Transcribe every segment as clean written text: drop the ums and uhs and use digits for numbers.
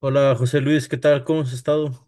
Hola José Luis, ¿qué tal? ¿Cómo has estado?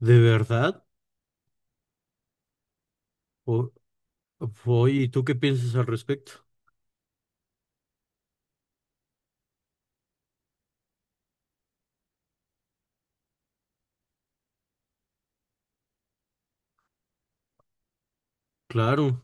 ¿De verdad? O- Oye, ¿y tú qué piensas al respecto? Claro.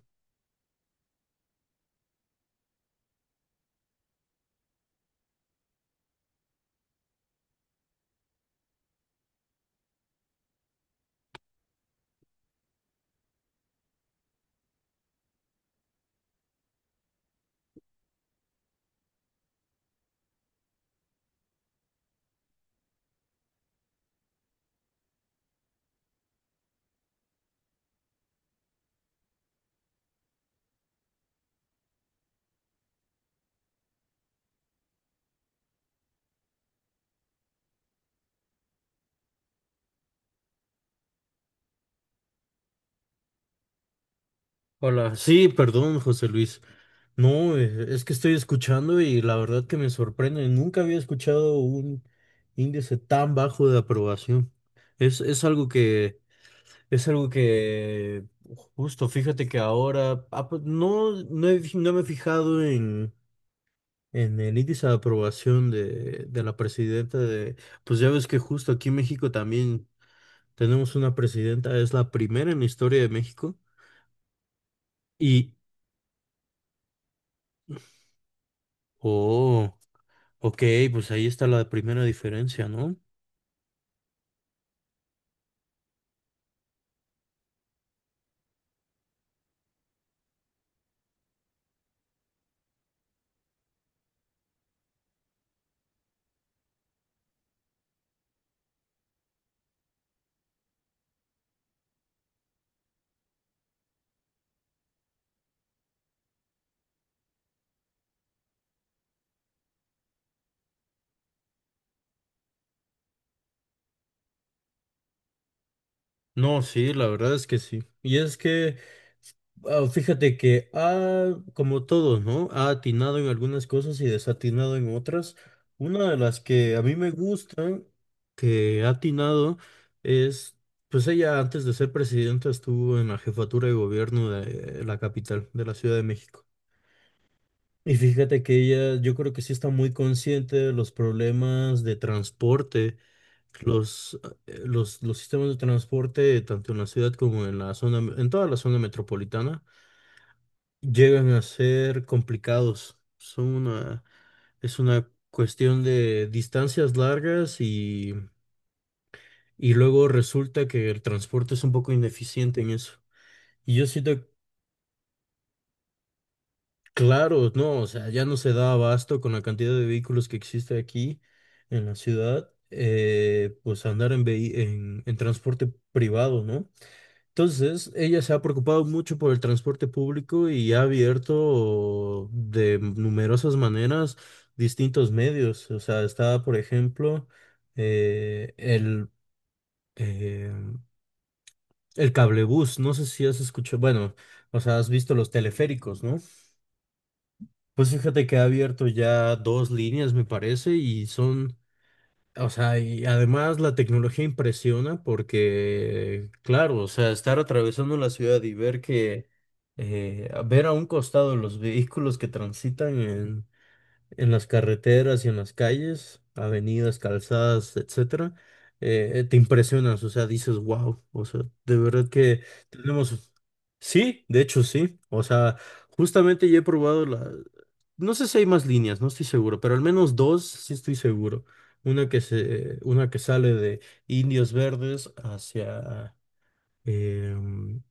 Hola, sí, perdón, José Luis. No, es que estoy escuchando y la verdad que me sorprende. Nunca había escuchado un índice tan bajo de aprobación. Es algo que, es algo que, justo, fíjate que ahora, ah, pues, no, no me he fijado en el índice de aprobación de la presidenta de, pues ya ves que justo aquí en México también tenemos una presidenta, es la primera en la historia de México. Y, oh, ok, pues ahí está la primera diferencia, ¿no? No, sí, la verdad es que sí. Y es que, ah, fíjate que ha, como todos, ¿no? Ha atinado en algunas cosas y desatinado en otras. Una de las que a mí me gusta que ha atinado es, pues ella antes de ser presidenta estuvo en la jefatura de gobierno de la capital, de la Ciudad de México. Y fíjate que ella, yo creo que sí está muy consciente de los problemas de transporte los, los sistemas de transporte, tanto en la ciudad como en la zona, en toda la zona metropolitana, llegan a ser complicados. Son una, es una cuestión de distancias largas y luego resulta que el transporte es un poco ineficiente en eso. Y yo siento, claro, no, o sea, ya no se da abasto con la cantidad de vehículos que existe aquí en la ciudad, pues andar en, en transporte privado, ¿no? Entonces, ella se ha preocupado mucho por el transporte público y ha abierto de numerosas maneras distintos medios. O sea, está, por ejemplo, eh, el, eh, el cablebús. No sé si has escuchado, bueno, o sea, has visto los teleféricos, ¿no? Pues fíjate que ha abierto ya dos líneas, me parece, y son. O sea, y además la tecnología impresiona porque, claro, o sea, estar atravesando la ciudad y ver que, ver a un costado los vehículos que transitan en las carreteras y en las calles, avenidas, calzadas, etcétera, te impresionas, o sea, dices, wow, o sea, de verdad que tenemos, sí, de hecho sí, o sea, justamente ya he probado la, no sé si hay más líneas, no estoy seguro, pero al menos dos sí estoy seguro, una que sale de Indios Verdes hacia em,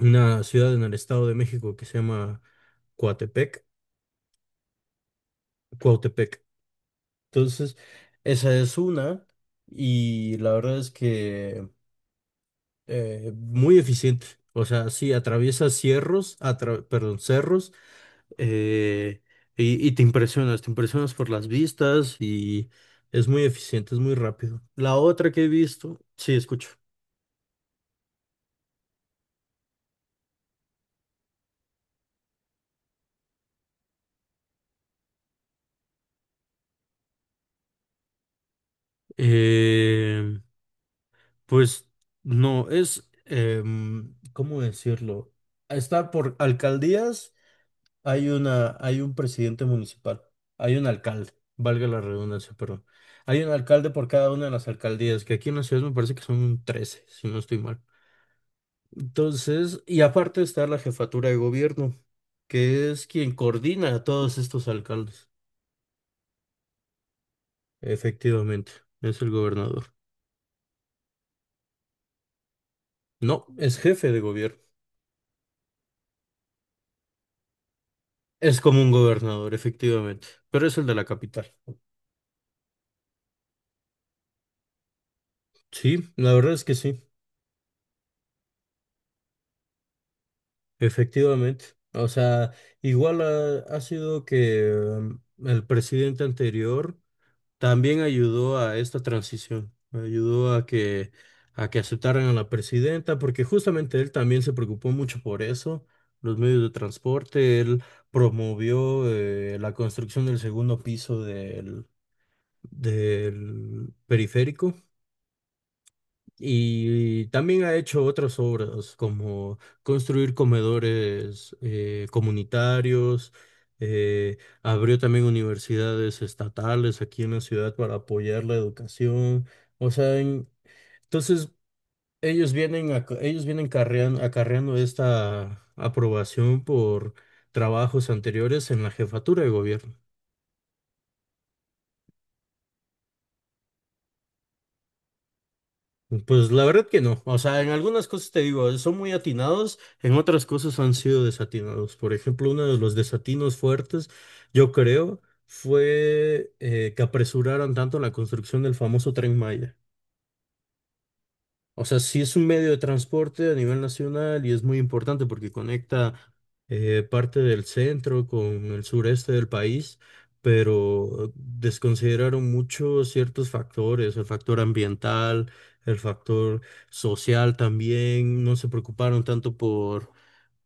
una ciudad en el Estado de México que se llama Coatepec, Cuautepec. Entonces, esa es una y la verdad es que muy eficiente. O sea, sí, perdón, cerros, eh, y te impresionas por las vistas y es muy eficiente, es muy rápido. La otra que he visto, sí, escucho. eh, pues no, es, ¿cómo decirlo? Está por alcaldías. Hay una, hay un presidente municipal, hay un alcalde, valga la redundancia, pero hay un alcalde por cada una de las alcaldías, que aquí en la ciudad me parece que son 13 si no estoy mal. Entonces, y aparte está la jefatura de gobierno, que es quien coordina a todos estos alcaldes. Efectivamente, es el gobernador. No, es jefe de gobierno. Es como un gobernador, efectivamente, pero es el de la capital. Sí, la verdad es que sí. Efectivamente, o sea, igual ha, ha sido que el presidente anterior también ayudó a esta transición, ayudó a que aceptaran a la presidenta, porque justamente él también se preocupó mucho por eso, los medios de transporte, él promovió la construcción del segundo piso del, del periférico y también ha hecho otras obras como construir comedores comunitarios, abrió también universidades estatales aquí en la ciudad para apoyar la educación. O sea, entonces acarreando esta aprobación por trabajos anteriores en la jefatura de gobierno. Pues la verdad que no. O sea, en algunas cosas te digo, son muy atinados, en otras cosas han sido desatinados. Por ejemplo, uno de los desatinos fuertes, yo creo, fue que apresuraron tanto la construcción del famoso Tren Maya. O sea, sí es un medio de transporte a nivel nacional y es muy importante porque conecta parte del centro con el sureste del país, pero desconsideraron mucho ciertos factores, el factor ambiental, el factor social también, no se preocuparon tanto por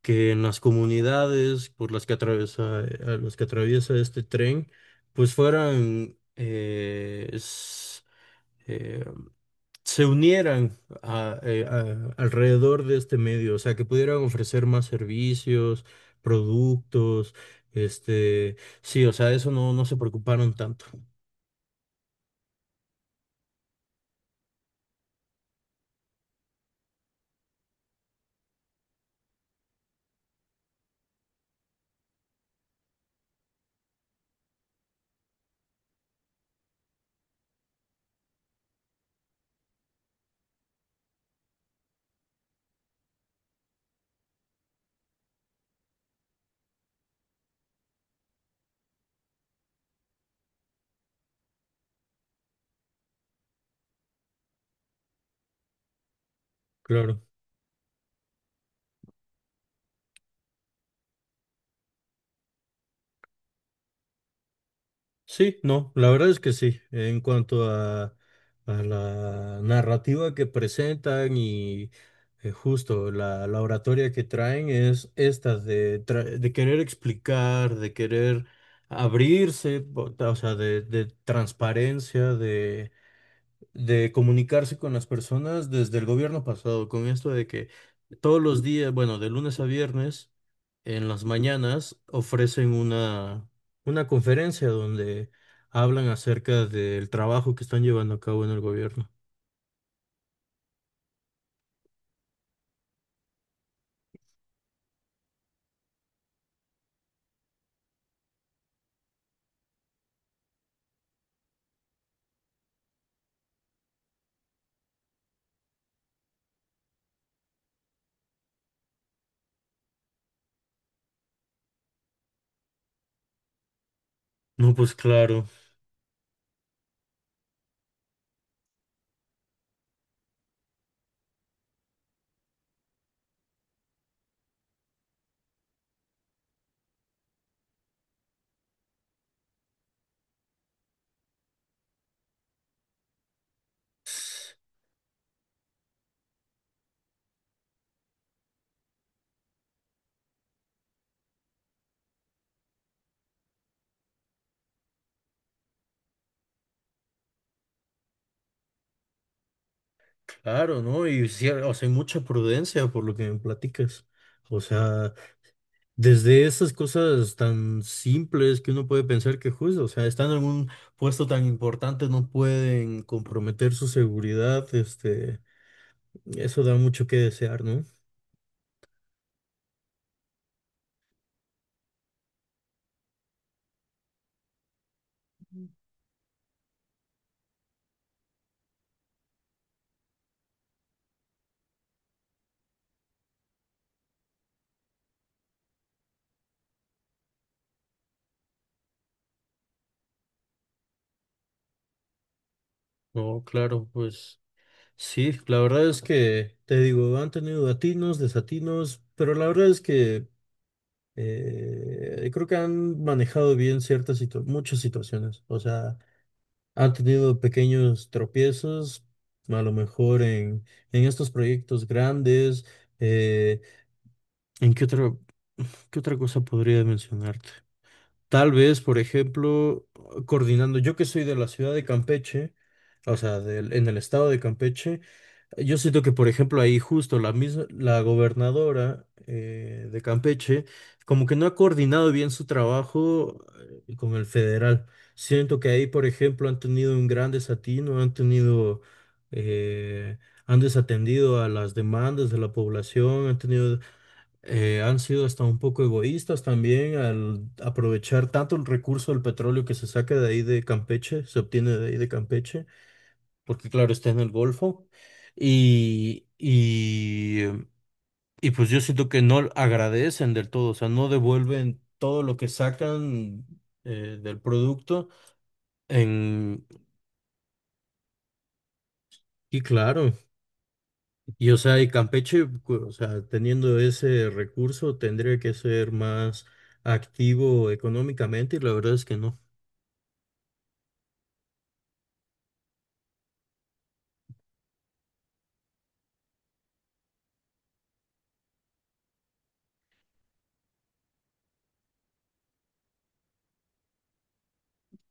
que en las comunidades por las que atraviesa, a las que atraviesa este tren, pues fueran... eh, se unieran alrededor de este medio, o sea, que pudieran ofrecer más servicios, productos, este, sí, o sea, eso no, no se preocuparon tanto, claro. Sí, no, la verdad es que sí, en cuanto a la narrativa que presentan y justo la, la oratoria que traen es esta de, de querer explicar, de querer abrirse, o sea, de transparencia, de comunicarse con las personas desde el gobierno pasado, con esto de que todos los días, bueno, de lunes a viernes, en las mañanas ofrecen una conferencia donde hablan acerca del trabajo que están llevando a cabo en el gobierno. No, pues claro, claro, ¿no? Y sí, o sea, hay mucha prudencia por lo que me platicas. O sea... desde esas cosas tan simples que uno puede pensar que justo, o sea, estando en un puesto tan importante no pueden comprometer su seguridad, este, eso da mucho que desear, ¿no? No, claro, pues sí, la verdad es que, te digo, han tenido atinos, desatinos, pero la verdad es que creo que han manejado bien muchas situaciones, o sea... ha tenido pequeños tropiezos, a lo mejor en estos proyectos grandes. eh, ¿En qué otra cosa podría mencionarte? Tal vez, por ejemplo, coordinando, yo que soy de la ciudad de Campeche, o sea, en el estado de Campeche, yo siento que, por ejemplo, ahí justo la misma, la gobernadora de Campeche, como que no ha coordinado bien su trabajo con el federal. Siento que ahí, por ejemplo, han tenido un gran desatino, han tenido, eh, han desatendido a las demandas de la población, han tenido, han sido hasta un poco egoístas también al aprovechar tanto el recurso del petróleo que se saca de ahí de Campeche, se obtiene de ahí de Campeche porque claro, está en el Golfo y, y pues yo siento que no agradecen del todo, o sea, no devuelven todo lo que sacan del producto en... Y claro, y o sea, y Campeche, o sea, teniendo ese recurso tendría que ser más activo económicamente y la verdad es que no.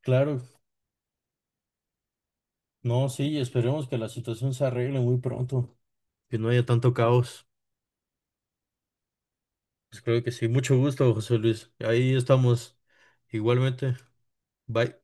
Claro, no, sí, esperemos que la situación se arregle muy pronto, que no haya tanto caos. Pues creo que sí. Mucho gusto, José Luis. Ahí estamos. Igualmente. Bye.